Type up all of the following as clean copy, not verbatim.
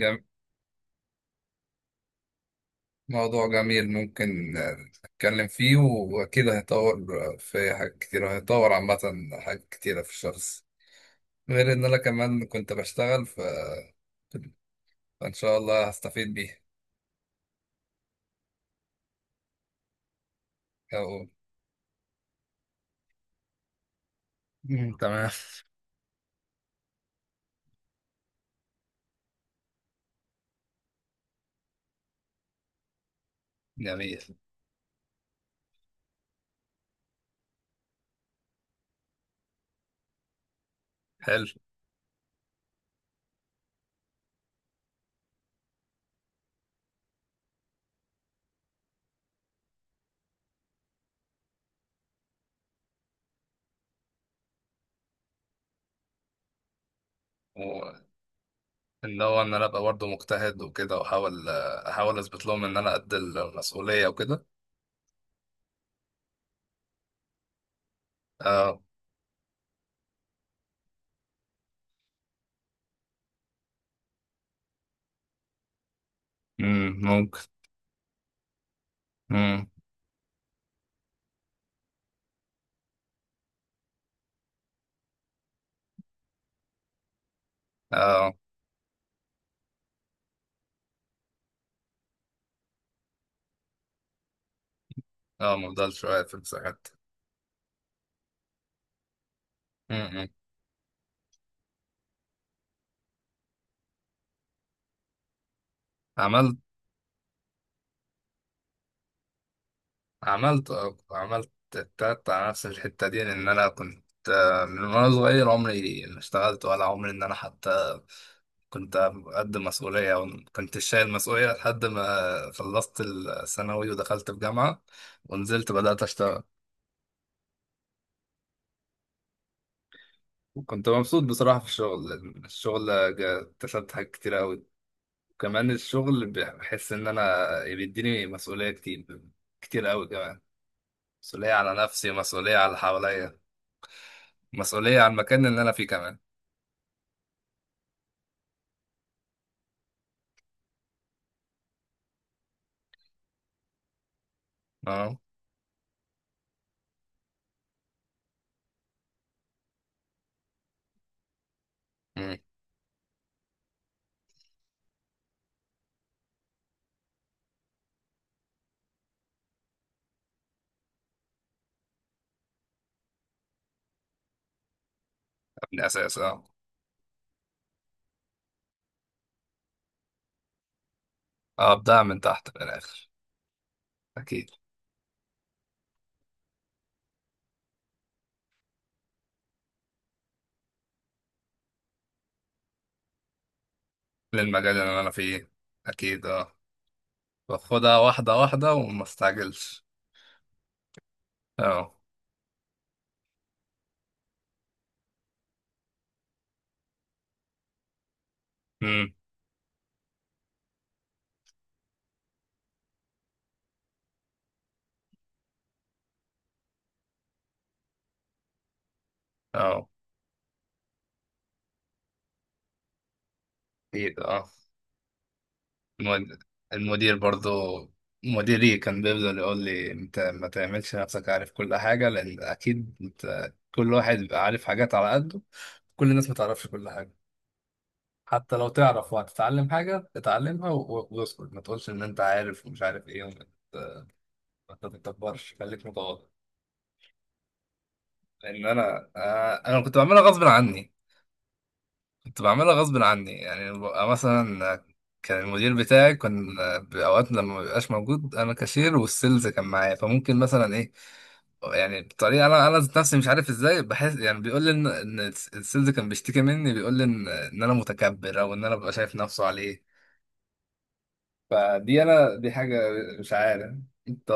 جم... موضوع جميل، ممكن نتكلم فيه، وأكيد هيطور، في حاجات كتيرة هيطور عامة، حاجات كتيرة في الشخص. غير إن أنا كمان كنت بشتغل، فإن شاء الله هستفيد بيه. أو... مم، تمام. جميل. حلو. وإن هو إن أنا أبقى برضه مجتهد وكده، وأحاول آه، أحاول أثبت لهم إن أنا قد المسؤولية وكده. أه. ممكن. مم. أه. أه، مفضلش واقف في المساحات. امم. عملت عملت التات على نفس الحتة دي، لأن أنا كنت، من وأنا صغير عمري ما اشتغلت ولا عمري إن أنا حتى كنت قد مسؤولية، أو كنت شايل مسؤولية لحد ما خلصت الثانوي ودخلت في جامعة ونزلت بدأت أشتغل. وكنت مبسوط بصراحة في الشغل، لأن الشغل اكتسبت حاجات كتير أوي. وكمان الشغل بحس إن أنا بيديني مسؤولية كتير، كتير أوي كمان. مسؤولية على نفسي، مسؤولية على اللي حواليا، مسؤولية على المكان اللي أنا فيه كمان. اه. مم. من الأساس، اه. أبدأ من تحت في الآخر. أكيد. للمجال اللي أنا فيه. أكيد اه. باخدها واحدة واحدة وما استعجلش. اه. مم. اه. أكيد اه. المد- المدير برضو، مديري كان بيفضل يقول لي أنت ما تعملش نفسك عارف كل حاجة، لأن أكيد أنت، كل واحد بيبقى عارف حاجات على قده. كل الناس ما تعرفش كل حاجة، حتى لو تعرف وهتتعلم حاجة اتعلمها، واسكت ما تقولش ان انت عارف ومش عارف ايه، ت- ما تتكبرش، خليك متواضع. لان انا، انا كنت بعملها غصب عني. كنت بعملها غصب عني، يعني ببقى مثلا، كان المدير بتاعي كان، بأوقات لما ما بيبقاش موجود انا كاشير والسيلز كان معايا، فممكن مثلا ايه، يعني بطريقه انا ذات نفسي مش عارف ازاي، بحس يعني بيقول لي ان السيلز كان بيشتكي مني، بيقول لي ان انا متكبر، او ان انا ببقى شايف نفسه عليه. فدي انا، دي حاجه، مش عارف انت.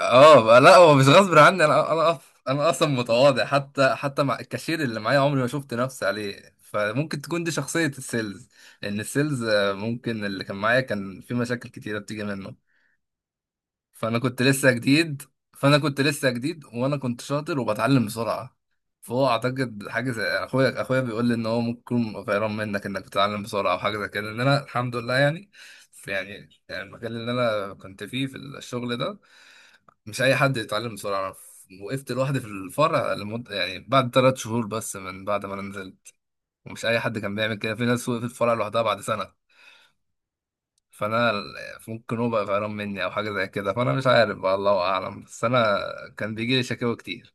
اه، لا، هو مش غصب عني، انا اصلا متواضع، حتى مع الكاشير اللي معايا عمري ما شفت نفسي عليه. فممكن تكون دي شخصية السيلز، لأن السيلز، ممكن اللي كان معايا كان في مشاكل كتيرة بتيجي منه. فانا كنت لسه جديد فانا كنت لسه جديد وانا كنت شاطر وبتعلم بسرعه، فهو اعتقد حاجه زي اخويا. اخويا بيقول لي ان هو ممكن يكون غيران منك انك بتتعلم بسرعه، او حاجه زي كده. ان انا الحمد لله يعني، في يعني المكان اللي انا كنت فيه في الشغل ده مش اي حد يتعلم بسرعه. وقفت لوحدي في الفرع لمده، يعني بعد 3 شهور بس من بعد ما انا نزلت. ومش اي حد كان بيعمل كده، في ناس وقفت في الفرع لوحدها بعد سنه. فانا ال- ممكن هو بقى قرفان مني او حاجه زي كده، فانا مش عارف بقى، الله اعلم. بس انا كان بيجي لي شكاوى كتير،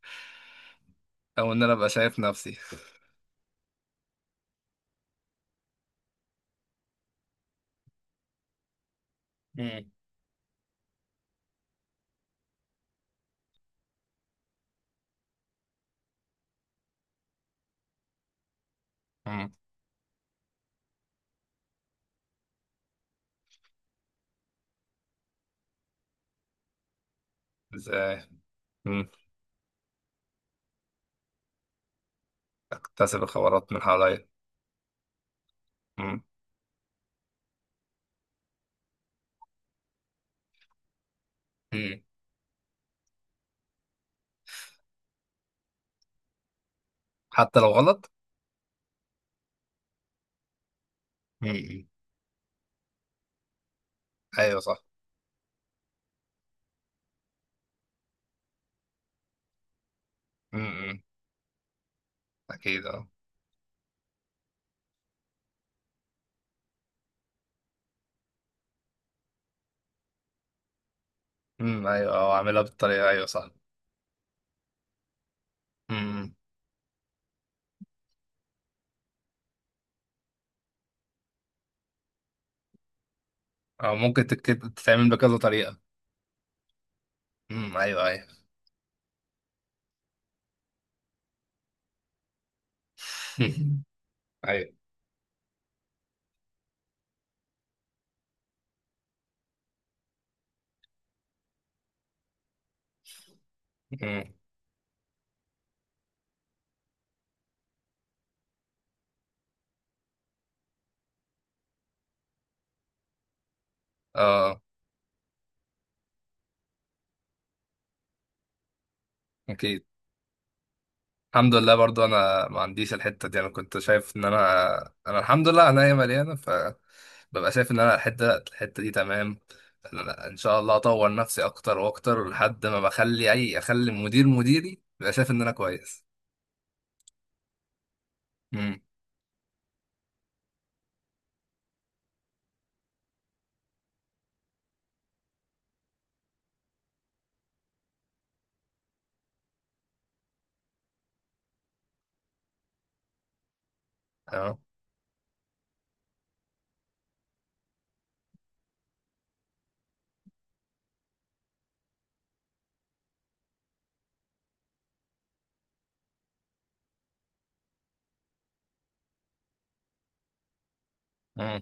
او ان انا ابقى شايف نفسي. مم. ازاي. مم. اكتسب الخبرات من حواليا. مم. مم. حتى لو غلط. مم. ايوه صح. مم. اكيد اه. مم. ايوه، او اعملها بالطريقه، ايوه صح. مم. او ممكن تتعمل بكذا طريقه. مم. ايوه ايوه. ايوه. مم. اه. اكيد. الحمد لله برضو انا ما عنديش الحته دي. انا كنت شايف ان انا، انا الحمد لله عينيا مليانه، فببقى شايف ان انا الحته دي تمام. إن أنا ان شاء الله اطور نفسي اكتر واكتر لحد ما بخلي اخلي مديري يبقى شايف ان انا كويس. امم. اه. امم.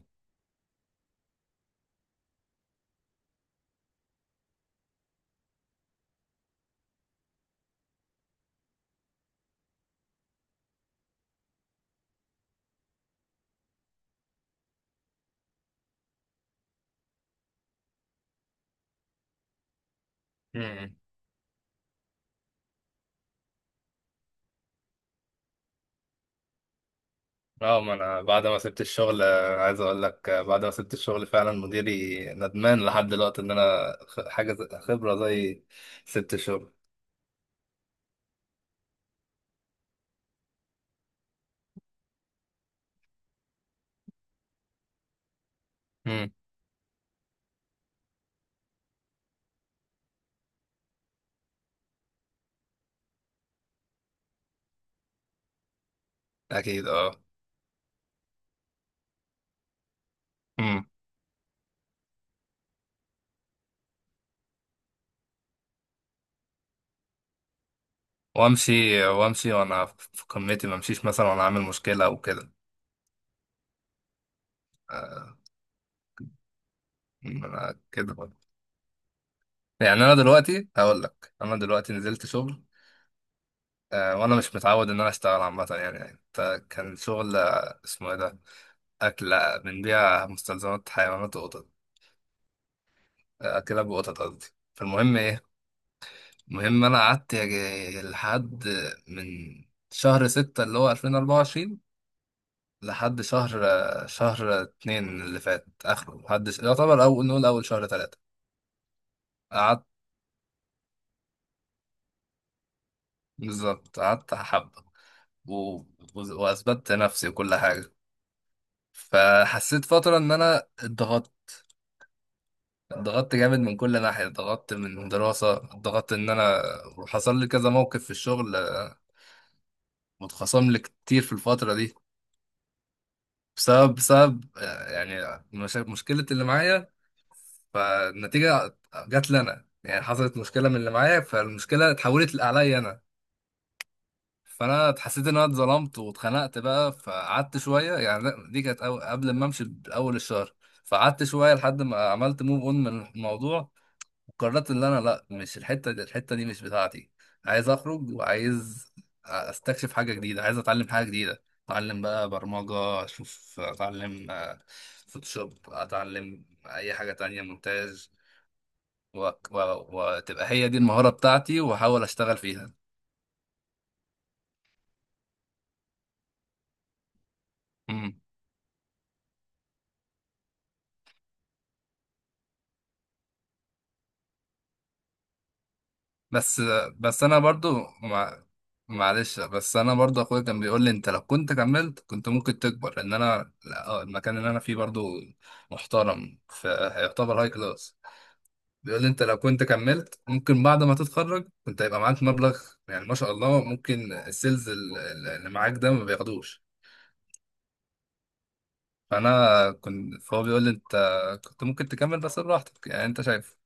امم. اه. ما انا بعد ما سبت الشغل، عايز اقول لك، بعد ما سبت الشغل فعلا مديري ندمان لحد دلوقتي ان انا، حاجه خبره زي. سبت الشغل. امم. اكيد اه. وامشي وامشي وانا في قمتي، ما امشيش مثلا وانا عامل مشكله او كده. آه، انا كده برضه. يعني انا دلوقتي هقول لك، انا دلوقتي نزلت شغل، وانا مش متعود ان انا اشتغل عامه، يعني يعني كان شغل، اسمه ايه ده، اكل، بنبيع مستلزمات حيوانات وقطط، كلاب وقطط قصدي. فالمهم ايه؟ المهم انا قعدت، لحد من شهر 6 اللي هو 2024، لحد شهر اتنين اللي فات اخره، لحد يعتبر اول، نقول اول شهر 3. قعدت. بالظبط قعدت حبة، و... واثبتت نفسي وكل حاجة. فحسيت فترة ان انا اتضغطت، اتضغطت جامد من كل ناحية، اتضغطت من دراسة، اتضغطت ان انا، وحصل لي كذا موقف في الشغل، متخصم لي كتير في الفترة دي، بسبب يعني مشكلة اللي معايا. فالنتيجة جات لي أنا، يعني حصلت مشكلة من اللي معايا، فالمشكلة اتحولت عليا أنا. فأنا حسيت إن أنا اتظلمت واتخنقت بقى، فقعدت شوية يعني، لا، دي كانت، قبل ما أمشي بأول الشهر. فقعدت شوية لحد ما عملت موف أون من الموضوع، وقررت إن أنا لأ، مش الحتة دي، الحتة دي مش بتاعتي. عايز أخرج، وعايز أستكشف حاجة جديدة، عايز أتعلم حاجة جديدة. أتعلم بقى برمجة، أشوف، أتعلم، فوتوشوب، أتعلم أي حاجة تانية، مونتاج، و... و... وتبقى هي دي المهارة بتاعتي، واحاول اشتغل فيها. مم. بس بس انا برضو، مع... معلش، بس انا برضو اخويا كان بيقول لي انت لو كنت كملت كنت ممكن تكبر، لان انا، لا، المكان اللي انا فيه برضو محترم، فيعتبر هاي كلاس. بيقول لي انت لو كنت كملت ممكن بعد ما تتخرج كنت هيبقى معاك مبلغ، يعني ما شاء الله، ممكن السيلز اللي معاك ده ما بياخدوش. فانا كنت فهو بيقول لي انت كنت ممكن تكمل، بس براحتك يعني انت شايف.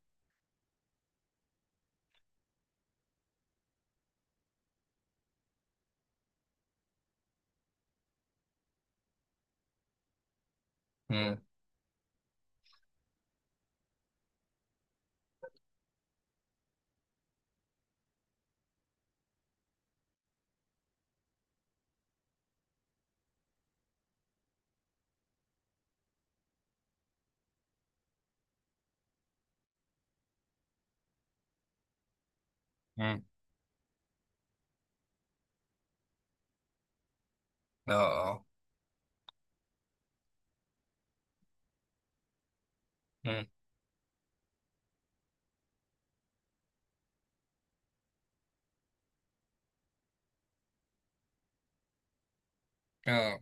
مم. اه. اه. مم. اه.